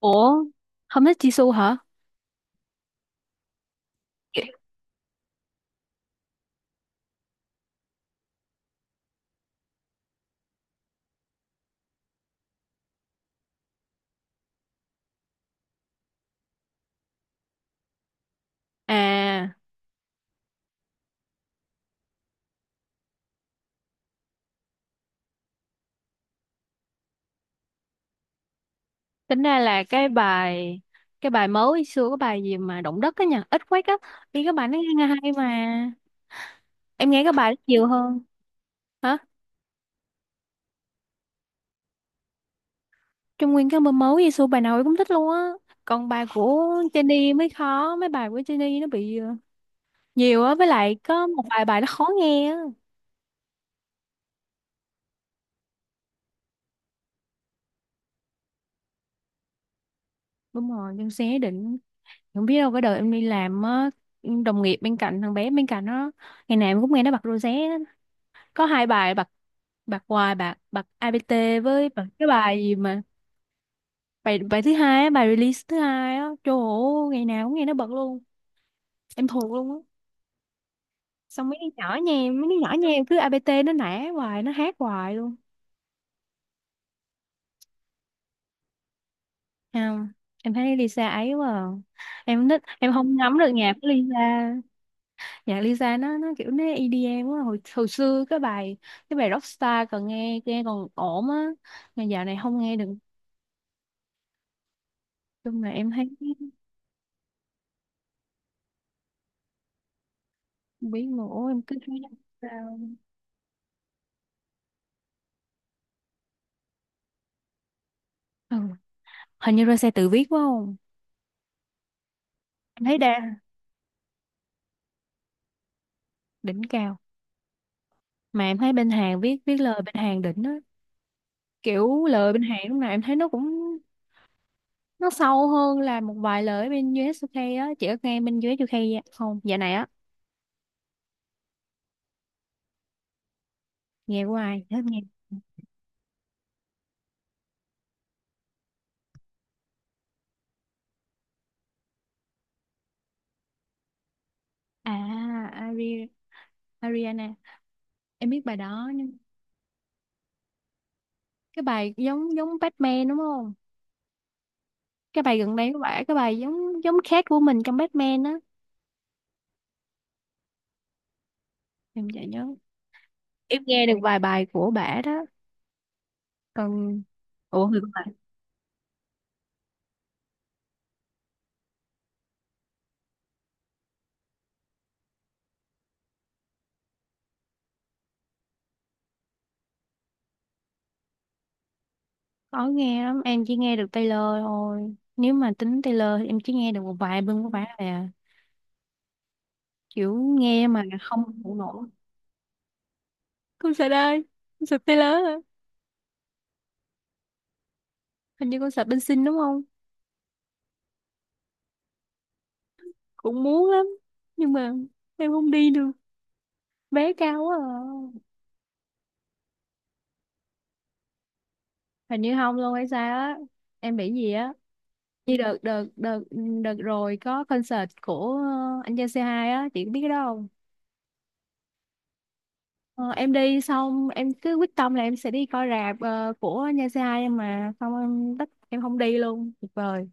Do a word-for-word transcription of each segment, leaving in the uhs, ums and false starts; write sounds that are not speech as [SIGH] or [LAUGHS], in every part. Ủa, không thích Jisoo hả? Kì- À, tính ra là cái bài cái bài mới xưa cái bài gì mà động đất á nha, ít quét á, đi cái bài nó nghe hay mà. Em nghe cái bài đó nhiều hơn. Hả? Trong nguyên cái album mới Jisoo bài nào em cũng thích luôn á. Còn bài của Jennie mới khó, mấy bài của Jennie nó bị ờ, nhiều á, với lại có một vài bài nó khó nghe á. Đúng rồi, nhưng sẽ định không biết đâu cái đời em đi làm á, đồng nghiệp bên cạnh thằng bé bên cạnh nó ngày nào em cũng nghe nó bật rosé có hai bài bạc bạc hoài bạc bạc ây pi ti với bạc- cái bài gì mà bài bài thứ hai á, bài release thứ hai á trời ơi ngày nào cũng nghe nó bật luôn em thuộc luôn á xong mấy đứa nhỏ nhà em mấy đứa nhỏ nhà em cứ a pê tê nó nã hoài nó hát hoài luôn. Không, em thấy Lisa ấy quá à. Em thích em không ngắm được nhạc của Lisa, nhạc Lisa nó nó kiểu nó i đi em quá, hồi hồi xưa cái bài cái bài Rockstar còn nghe nghe còn ổn á, mà dạo này không nghe được. Chung là em thấy không biết mà, ôi em cứ thấy là sao. Ừ. Hình như ra xe tự viết quá không, em thấy đa đỉnh cao. Mà em thấy bên Hàn viết viết lời bên Hàn đỉnh á, kiểu lời bên Hàn lúc nào em thấy nó cũng nó sâu hơn là một vài lời bên US UK á. Chị có nghe bên US UK dạ- không dạo này á, nghe của ai hết nghe. À, Ari, Ariana, em biết bài đó nhưng cái bài giống giống Batman đúng không, cái bài gần đây của bả cái bài giống giống khác của mình trong Batman á, em chả nhớ. Em nghe được vài bài của bả đó. Còn ủa người của bạn khó nghe lắm, em chỉ nghe được Taylor thôi, nếu mà tính Taylor thì em chỉ nghe được một vài album của bả thôi à, kiểu nghe mà không hiểu nổi. Concert ơi, concert Taylor à. Hình như concert bên Sing đúng không. Cũng muốn lắm nhưng mà em không đi được, vé cao quá à. Hình như không luôn hay sao á, em bị gì á, như đợt đợt đợt đợt rồi có concert của ờ, anh Gia c hai á, chị có biết cái đó không. Ờ, em đi xong em cứ quyết tâm là em sẽ đi coi rạp ờ, của Nha Sai em, mà xong em tất em không đi luôn tuyệt vời,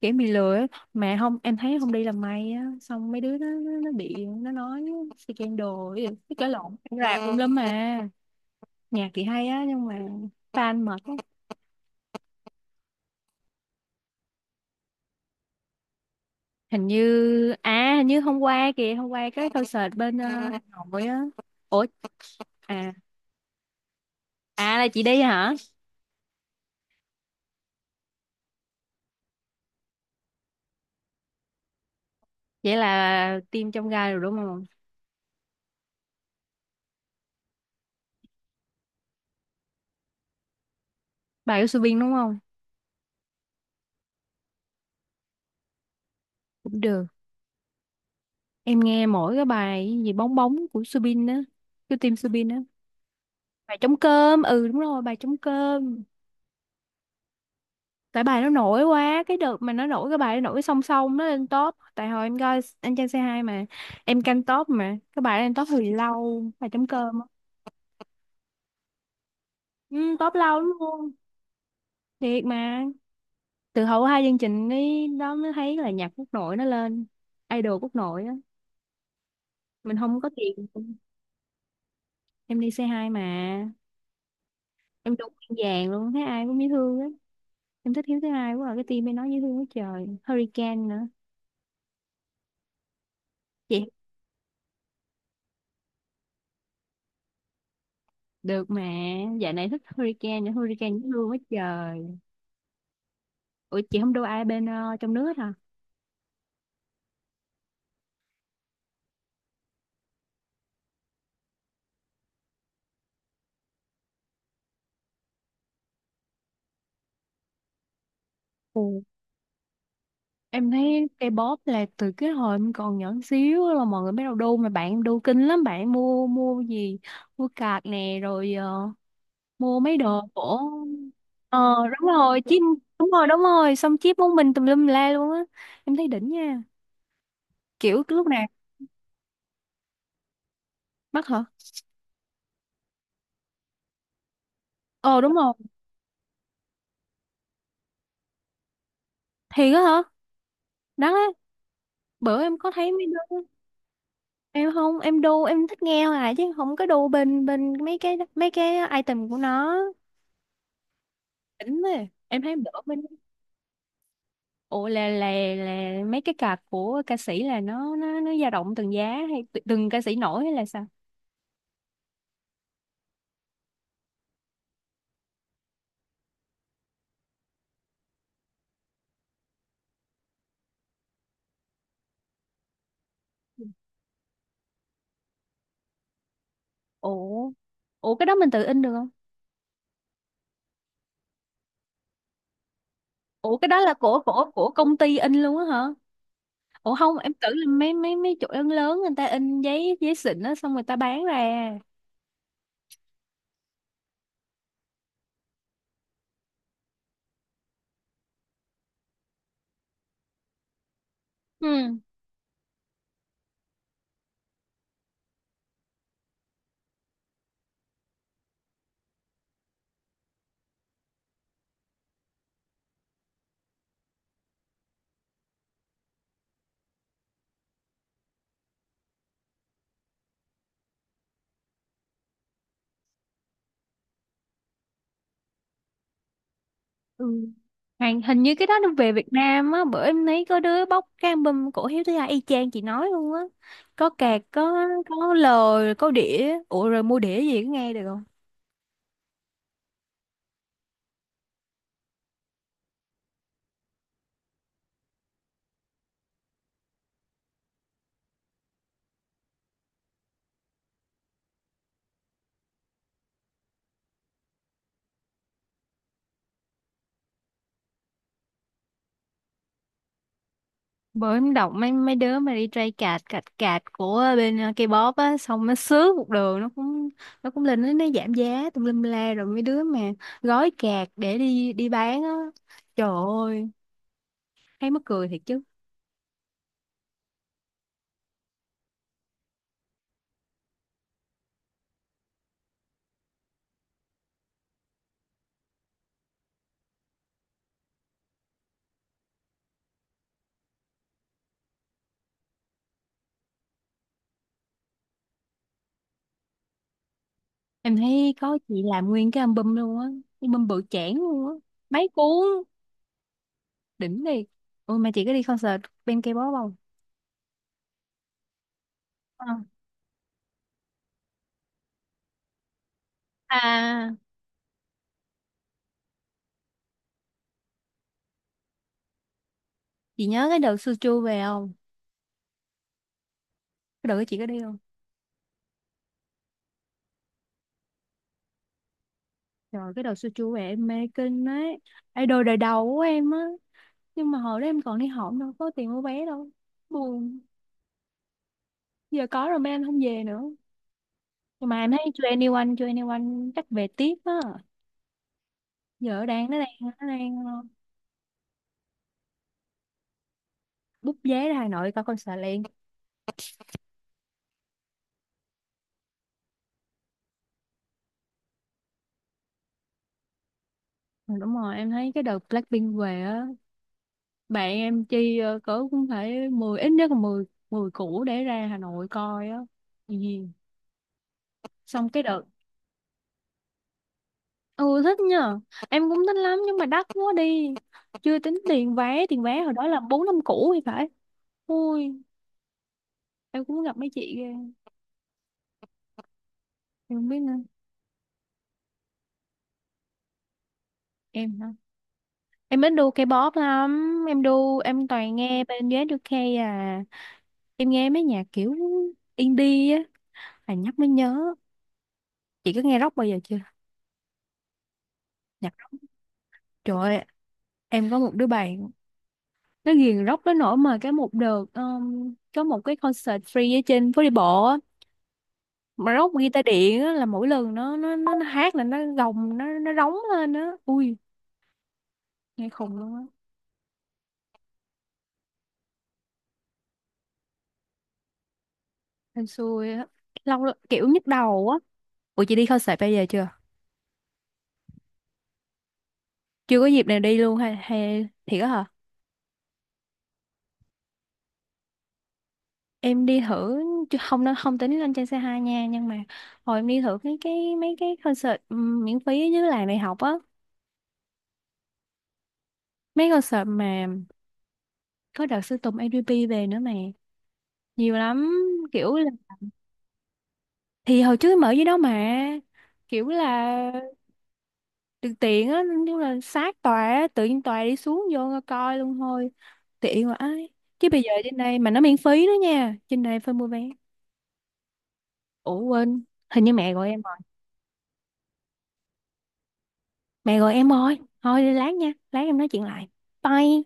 kiểu bị lừa ấy. Mà không em thấy không đi là may á, xong mấy đứa nó nó, nó bị nó nói scandal cái gì, cái lộn rạp tùm lum mà. Nhạc thì hay á nhưng mà fan mệt. Hình như à hình như hôm qua kìa, hôm qua cái concert bên ờ, [LAUGHS] Hà Nội á. Ủa, à, à là chị đi hả. Vậy là team trong gai rồi đúng không. Bà của Subin đúng không, cũng được. Em nghe mỗi cái bài gì bóng bóng của Subin á, của team Subin á, bài trống cơm, ừ đúng rồi bài trống cơm. Tại bài nó nổi quá, cái đợt mà nó nổi cái bài nó nổi song song nó lên top, tại hồi em coi anh Trai xê hai mà em canh top mà cái bài nó lên top hồi lâu bài trống cơm á. Ừ, top lâu lắm luôn, thiệt mà. Từ hậu hai chương trình ấy đó mới thấy là nhạc quốc nội nó lên, idol quốc nội á, mình không có tiền. Em đi xê hai mà, em đúng vàng luôn, thấy ai cũng dễ thương á. Em thích Hiếu thứ hai quá à, cái team mới nói dễ thương quá trời Hurricane nữa. Chị được mà, dạo này thích Hurricane nữa, Hurricane dễ thương quá trời. Ủa chị không đu ai bên ờ, trong nước hả. Ừ. Em thấy K-pop là từ cái hồi em còn nhỏ xíu là mọi người bắt đầu đu, mà bạn em đu kinh lắm, bạn em mua mua gì, mua card nè rồi ờ, mua mấy đồ của ờ đúng rồi chip, đúng rồi đúng rồi xong chip món mình tùm lum la luôn á, em thấy đỉnh nha, kiểu cái lúc nào. Mắc hả, ờ đúng rồi, thiệt á hả, đắt á. Bữa em có thấy mấy đứa, em không em đu, em thích nghe hoài chứ không có đu bên bên mấy cái mấy cái item của nó đỉnh ấy. Em thấy bữa bên, ủa là là là mấy cái card của ca sĩ là nó nó nó dao động từng giá hay tu- từng ca sĩ nổi hay là sao. Ủa, ủa cái đó mình tự in được không. Ủa cái đó là của của của công ty in luôn á hả. Ủa không em tưởng là mấy mấy mấy chỗ lớn lớn người ta in giấy giấy xịn á xong người ta bán ra. Ừ. Ừ. Hàng hình như cái đó nó về Việt Nam á, bữa em thấy có đứa bóc cái album cổ Hiếu Thứ Hai y chang chị nói luôn á. Có cạc, có có lời, có đĩa. Ủa rồi mua đĩa gì có nghe được không? Bữa em đọc mấy mấy đứa mà đi trai cạt cạt cạt của bên ờ, K-pop á, xong nó sướng một đường nó cũng nó cũng lên nó, nó giảm giá tùm lum la, rồi mấy đứa mà gói cạt để đi đi bán á. Trời ơi, thấy mắc cười thiệt chứ. Em thấy có chị làm nguyên cái album luôn á, cái album bự chảng luôn á, mấy cuốn, đỉnh đi. Ôi mà chị có đi concert bên K-pop không? Ờ. À, chị nhớ cái đợt Suchu về không? Cái đợt đó chị có đi không? Trời, cái đợt Suchu về em mê kinh ấy. Idol đời đầu của em á. Nhưng mà hồi đó em còn đi học đâu có tiền mua vé đâu. Buồn. Giờ có rồi mà em không về nữa. Nhưng mà em thấy hai en i một, hai en i một chắc về tiếp á. Giờ đang nó đang nó đang book vé ra Hà Nội coi concert liền. Ừ, đúng rồi, em thấy cái đợt Blackpink về á, bạn em chi ờ, cỡ cũng phải mười, ít nhất là mười mười củ để ra Hà Nội coi á. Ừ, xong cái đợt, ừ thích nha, em cũng thích lắm nhưng mà đắt quá đi. Chưa tính tiền vé, tiền vé hồi đó là bốn năm củ thì phải. Ui, em cũng gặp mấy chị ghê, em không biết nữa. Em hả? Em ít đu K-pop lắm, em đu, em toàn nghe bên diu ét à. Em nghe mấy nhạc kiểu indie á, à nhắc mới nhớ. Chị có nghe rock bao giờ chưa? Nhạc. Trời ơi, em có một đứa bạn nó ghiền rock tới nỗi mà cái một đợt um, có một cái concert free ở trên phố đi bộ á, mà rock guitar điện á là mỗi lần nó nó nó, nó hát là nó gồng nó nó rống lên á, ui nghe khùng luôn á. Em xui á, lâu lắm, kiểu nhức đầu á. Ủa chị đi concert bây giờ chưa, chưa có dịp nào đi luôn hay hay thiệt á hả. Em đi thử chứ không nó không tính lên trên xe hai nha, nhưng mà hồi em đi thử cái cái mấy cái concert um, miễn phí ở dưới làng đại học á, mấy concert mà có đợt Sơn Tùng a đê pê về nữa mà nhiều lắm kiểu là, thì hồi trước mở dưới đó mà kiểu là được tiện á, nhưng là sát tòa á, tự nhiên tòa đi xuống vô ngồi coi luôn thôi, tiện quá ấy. Chứ bây giờ trên đây mà nó miễn phí nữa nha, trên đây phải mua vé. Ủa quên, hình như mẹ gọi em rồi, mẹ gọi em rồi thôi đi lát nha, lát em nói chuyện lại. Bye.